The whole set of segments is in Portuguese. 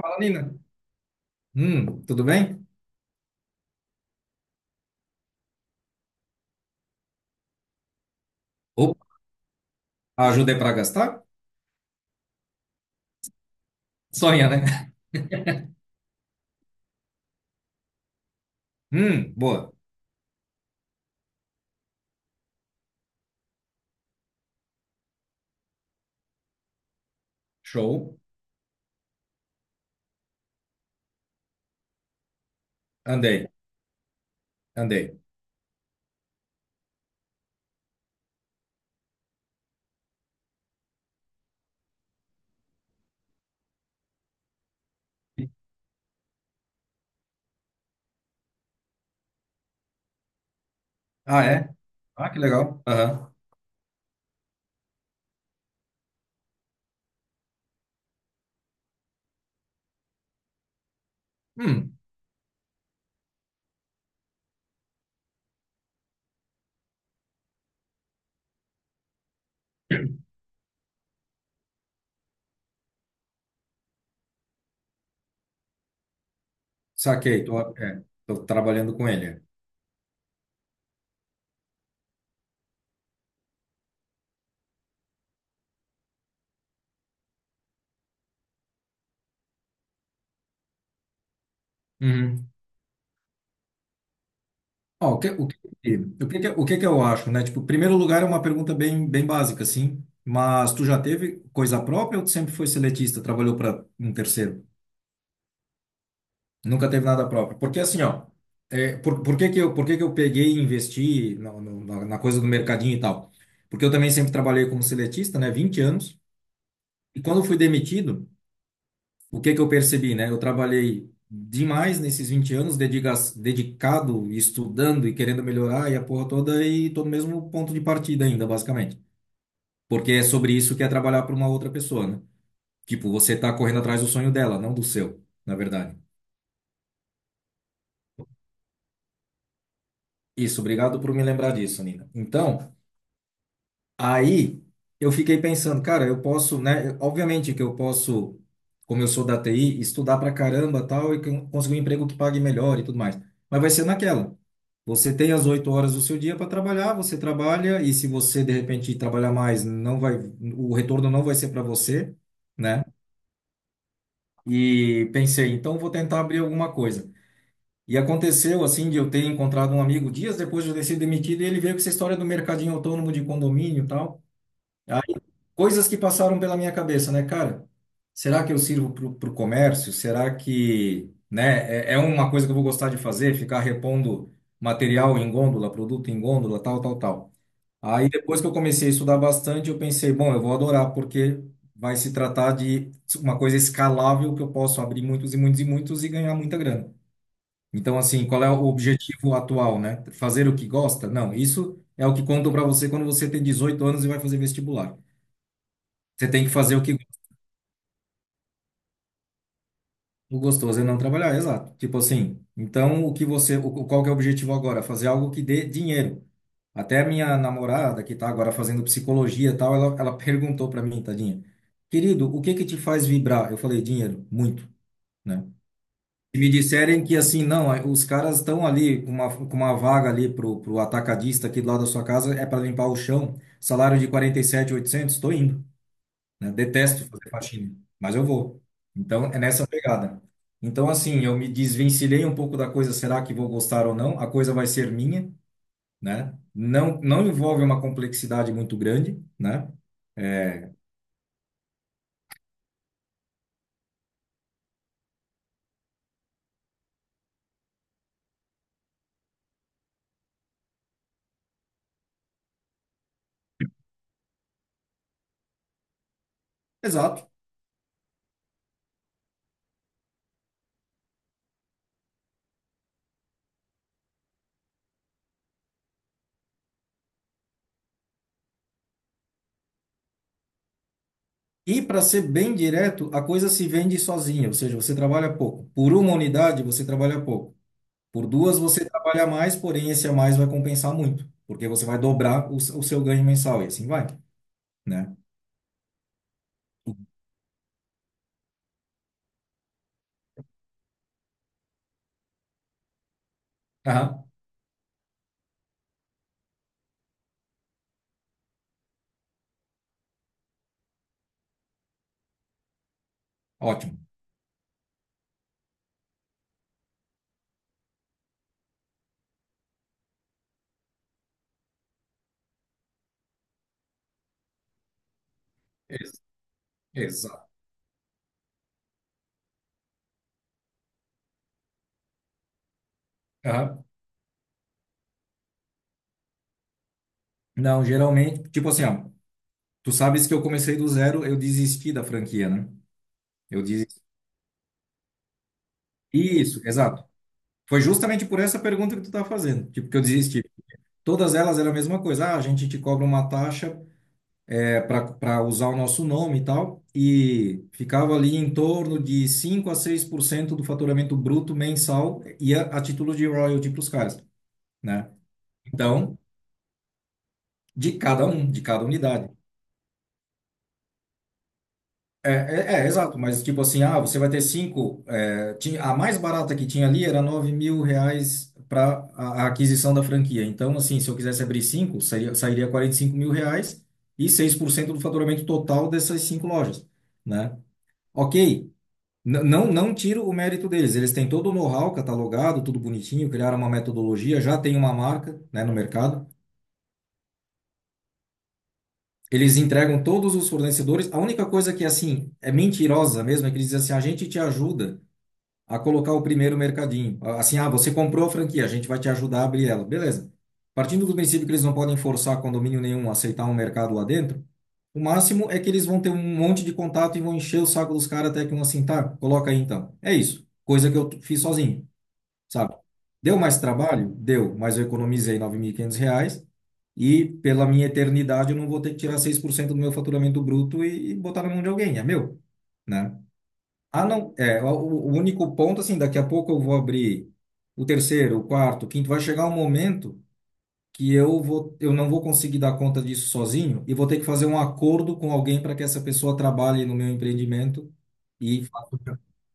Fala, Nina. Tudo bem? Opa, ajudei para gastar? Sonha, né? Boa. Show. Andei, andei. Ah, é? Ah, que legal. Aham. Hum, saquei. Tô, é, tô trabalhando com ele. Uhum. Ó, o que que eu acho, né? Tipo, primeiro lugar é uma pergunta bem básica, assim. Mas tu já teve coisa própria ou tu sempre foi seletista, trabalhou para um terceiro? Nunca teve nada próprio. Porque assim, ó, é, por que que eu, por que que eu peguei e investi na, no- na, na coisa do mercadinho e tal? Porque eu também sempre trabalhei como seletista, né, 20 anos. E quando eu fui demitido, o que que eu percebi, né? Eu trabalhei demais nesses 20 anos, dedicado, estudando e querendo melhorar e a porra toda, e tô no mesmo ponto de partida ainda, basicamente. Porque é sobre isso que é trabalhar para uma outra pessoa, né? Tipo, você tá correndo atrás do sonho dela, não do seu, na verdade. Isso, obrigado por me lembrar disso, Nina. Então, aí eu fiquei pensando, cara, eu posso, né? Obviamente que eu posso, como eu sou da TI, estudar pra caramba tal e conseguir um emprego que pague melhor e tudo mais. Mas vai ser naquela. Você tem as 8 horas do seu dia para trabalhar, você trabalha e se você de repente trabalhar mais, não vai, o retorno não vai ser para você, né? E pensei, então vou tentar abrir alguma coisa. E aconteceu assim de eu ter encontrado um amigo dias depois de eu ter sido demitido e ele veio com essa história do mercadinho autônomo de condomínio e tal. Coisas que passaram pela minha cabeça, né, cara? Será que eu sirvo para o comércio? Será que, né, é, é uma coisa que eu vou gostar de fazer, ficar repondo material em gôndola, produto em gôndola, tal, tal, tal. Aí depois que eu comecei a estudar bastante, eu pensei, bom, eu vou adorar porque vai se tratar de uma coisa escalável que eu posso abrir muitos e muitos e muitos e ganhar muita grana. Então, assim, qual é o objetivo atual, né? Fazer o que gosta? Não, isso é o que contam para você quando você tem 18 anos e vai fazer vestibular. Você tem que fazer o que O gostoso é não trabalhar, exato. Tipo assim, então o que você, o, qual que é o objetivo agora? Fazer algo que dê dinheiro. Até a minha namorada, que tá agora fazendo psicologia e tal, ela perguntou para mim, tadinha, querido, o que que te faz vibrar? Eu falei, dinheiro, muito, né? E me disserem que assim, não, é, os caras estão ali com uma vaga ali pro atacadista aqui do lado da sua casa, é para limpar o chão, salário de 47.800 tô indo, né? Detesto fazer faxina, mas eu vou. Então, é nessa pegada. Então, assim, eu me desvencilhei um pouco da coisa, será que vou gostar ou não? A coisa vai ser minha, né? Não, não envolve uma complexidade muito grande, né? É, exato. E para ser bem direto, a coisa se vende sozinha, ou seja, você trabalha pouco. Por uma unidade, você trabalha pouco. Por duas, você trabalha mais, porém esse a mais vai compensar muito, porque você vai dobrar o, o seu ganho mensal e assim vai, né? Aham, ótimo. Exato. Aham. Não, geralmente, tipo assim, ó, tu sabes que eu comecei do zero, eu desisti da franquia, né? Eu desisti. Isso, exato. Foi justamente por essa pergunta que tu tá fazendo, tipo, que eu desisti. Todas elas eram a mesma coisa. Ah, a gente te cobra uma taxa é, para usar o nosso nome e tal, e ficava ali em torno de 5 a 6% do faturamento bruto mensal ia a título de royalty para os caras, né? Então, de cada um, de cada unidade. Exato, mas tipo assim, ah, você vai ter cinco. É, tinha, a mais barata que tinha ali era R$ 9.000 para a aquisição da franquia. Então, assim, se eu quisesse abrir cinco, seria, sairia R$ 45.000 e 6% do faturamento total dessas cinco lojas, né? Ok, não, não tiro o mérito deles. Eles têm todo o know-how catalogado, tudo bonitinho, criaram uma metodologia, já tem uma marca, né, no mercado. Eles entregam todos os fornecedores. A única coisa que, assim, é mentirosa mesmo é que eles dizem assim: a gente te ajuda a colocar o primeiro mercadinho. Ah, assim, ah, você comprou a franquia, a gente vai te ajudar a abrir ela. Beleza. Partindo do princípio que eles não podem forçar condomínio nenhum a aceitar um mercado lá dentro, o máximo é que eles vão ter um monte de contato e vão encher o saco dos caras até que um assim, tá, coloca aí então. É isso. Coisa que eu fiz sozinho, sabe? Deu mais trabalho? Deu, mas eu economizei R$ 500 e pela minha eternidade eu não vou ter que tirar 6% do meu faturamento bruto e botar na mão de alguém, é meu, né? Ah, não, é, o único ponto, assim, daqui a pouco eu vou abrir o terceiro, o quarto, o quinto, vai chegar um momento que eu vou, eu não vou conseguir dar conta disso sozinho e vou ter que fazer um acordo com alguém para que essa pessoa trabalhe no meu empreendimento e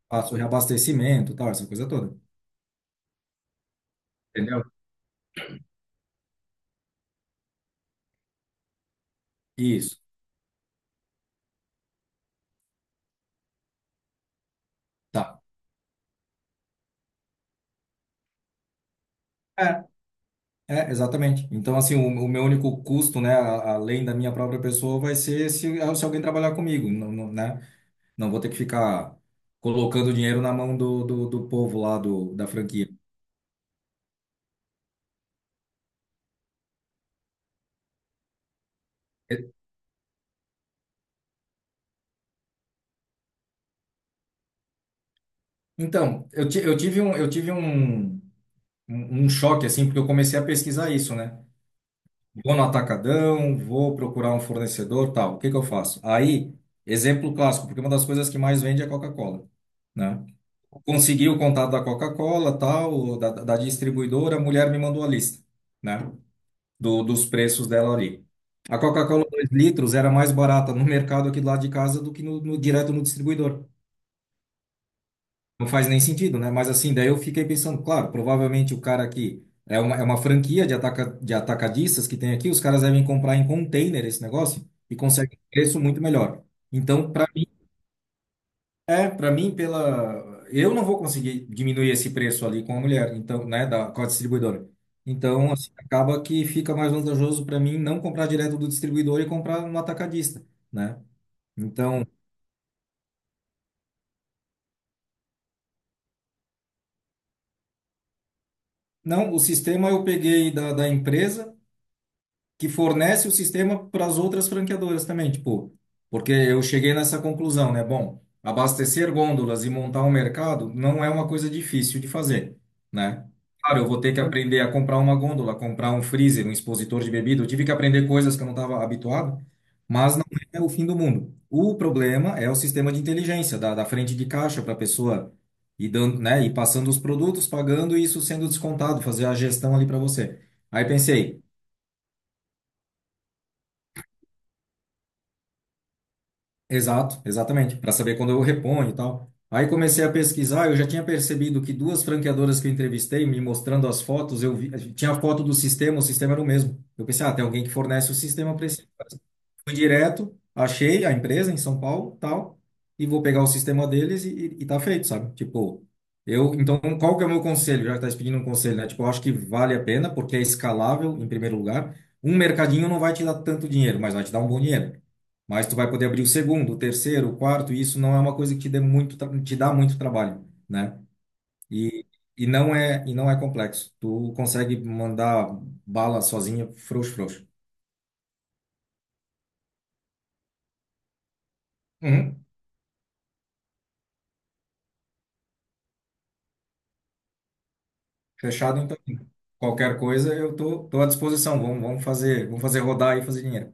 faça o reabastecimento, tal, essa coisa toda, entendeu? Isso, tá. É, é, exatamente. Então, assim, o meu único custo, né, a- além da minha própria pessoa, vai ser se alguém trabalhar comigo, não, não, né? Não vou ter que ficar colocando dinheiro na mão do povo lá do, da franquia. E- Então, eu tive um, um choque, assim, porque eu comecei a pesquisar isso, né? Vou no atacadão, vou procurar um fornecedor, tal. O que que eu faço? Aí, exemplo clássico, porque uma das coisas que mais vende é a Coca-Cola, né? Consegui o contato da Coca-Cola, tal, da distribuidora, a mulher me mandou a lista, né? Dos preços dela ali. A Coca-Cola 2 litros era mais barata no mercado aqui do lado de casa do que no, direto no distribuidor. Não faz nem sentido, né? Mas assim, daí eu fiquei pensando, claro, provavelmente o cara aqui é uma franquia de, de atacadistas que tem aqui, os caras devem comprar em container esse negócio e conseguem um preço muito melhor. Então, para É, para mim, pela. Eu não vou conseguir diminuir esse preço ali com a mulher, então, né, da, com a distribuidora. Então, assim, acaba que fica mais vantajoso para mim não comprar direto do distribuidor e comprar no atacadista, né? Então, não, o sistema eu peguei da empresa que fornece o sistema para as outras franqueadoras também, tipo, porque eu cheguei nessa conclusão, né? Bom, abastecer gôndolas e montar um mercado não é uma coisa difícil de fazer, né? Claro, eu vou ter que aprender a comprar uma gôndola, comprar um freezer, um expositor de bebida. Eu tive que aprender coisas que eu não estava habituado, mas não é o fim do mundo. O problema é o sistema de inteligência da frente de caixa para a pessoa ir dando, né, e passando os produtos, pagando e isso sendo descontado, fazer a gestão ali para você. Aí pensei, exato, exatamente, para saber quando eu reponho e tal. Aí comecei a pesquisar, eu já tinha percebido que duas franqueadoras que eu entrevistei, me mostrando as fotos, eu vi, tinha a foto do sistema, o sistema era o mesmo. Eu pensei, ah, tem alguém que fornece o sistema para esse. Fui direto, achei a empresa em São Paulo, tal, e vou pegar o sistema deles e tá feito, sabe? Tipo, eu, então, qual que é o meu conselho? Já que tá se pedindo um conselho, né? Tipo, eu acho que vale a pena, porque é escalável, em primeiro lugar. Um mercadinho não vai te dar tanto dinheiro, mas vai te dar um bom dinheiro. Mas tu vai poder abrir o segundo, o terceiro, o quarto, e isso não é uma coisa que te dê muito, te dá muito trabalho, né? E, e não é, e não é complexo. Tu consegue mandar bala sozinha, frouxo, frouxo. Uhum. Fechado, qualquer coisa, eu tô, tô à disposição. Vamos, vamos fazer rodar e fazer dinheiro.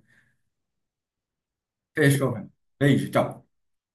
Fechou, velho. Beijo, tchau.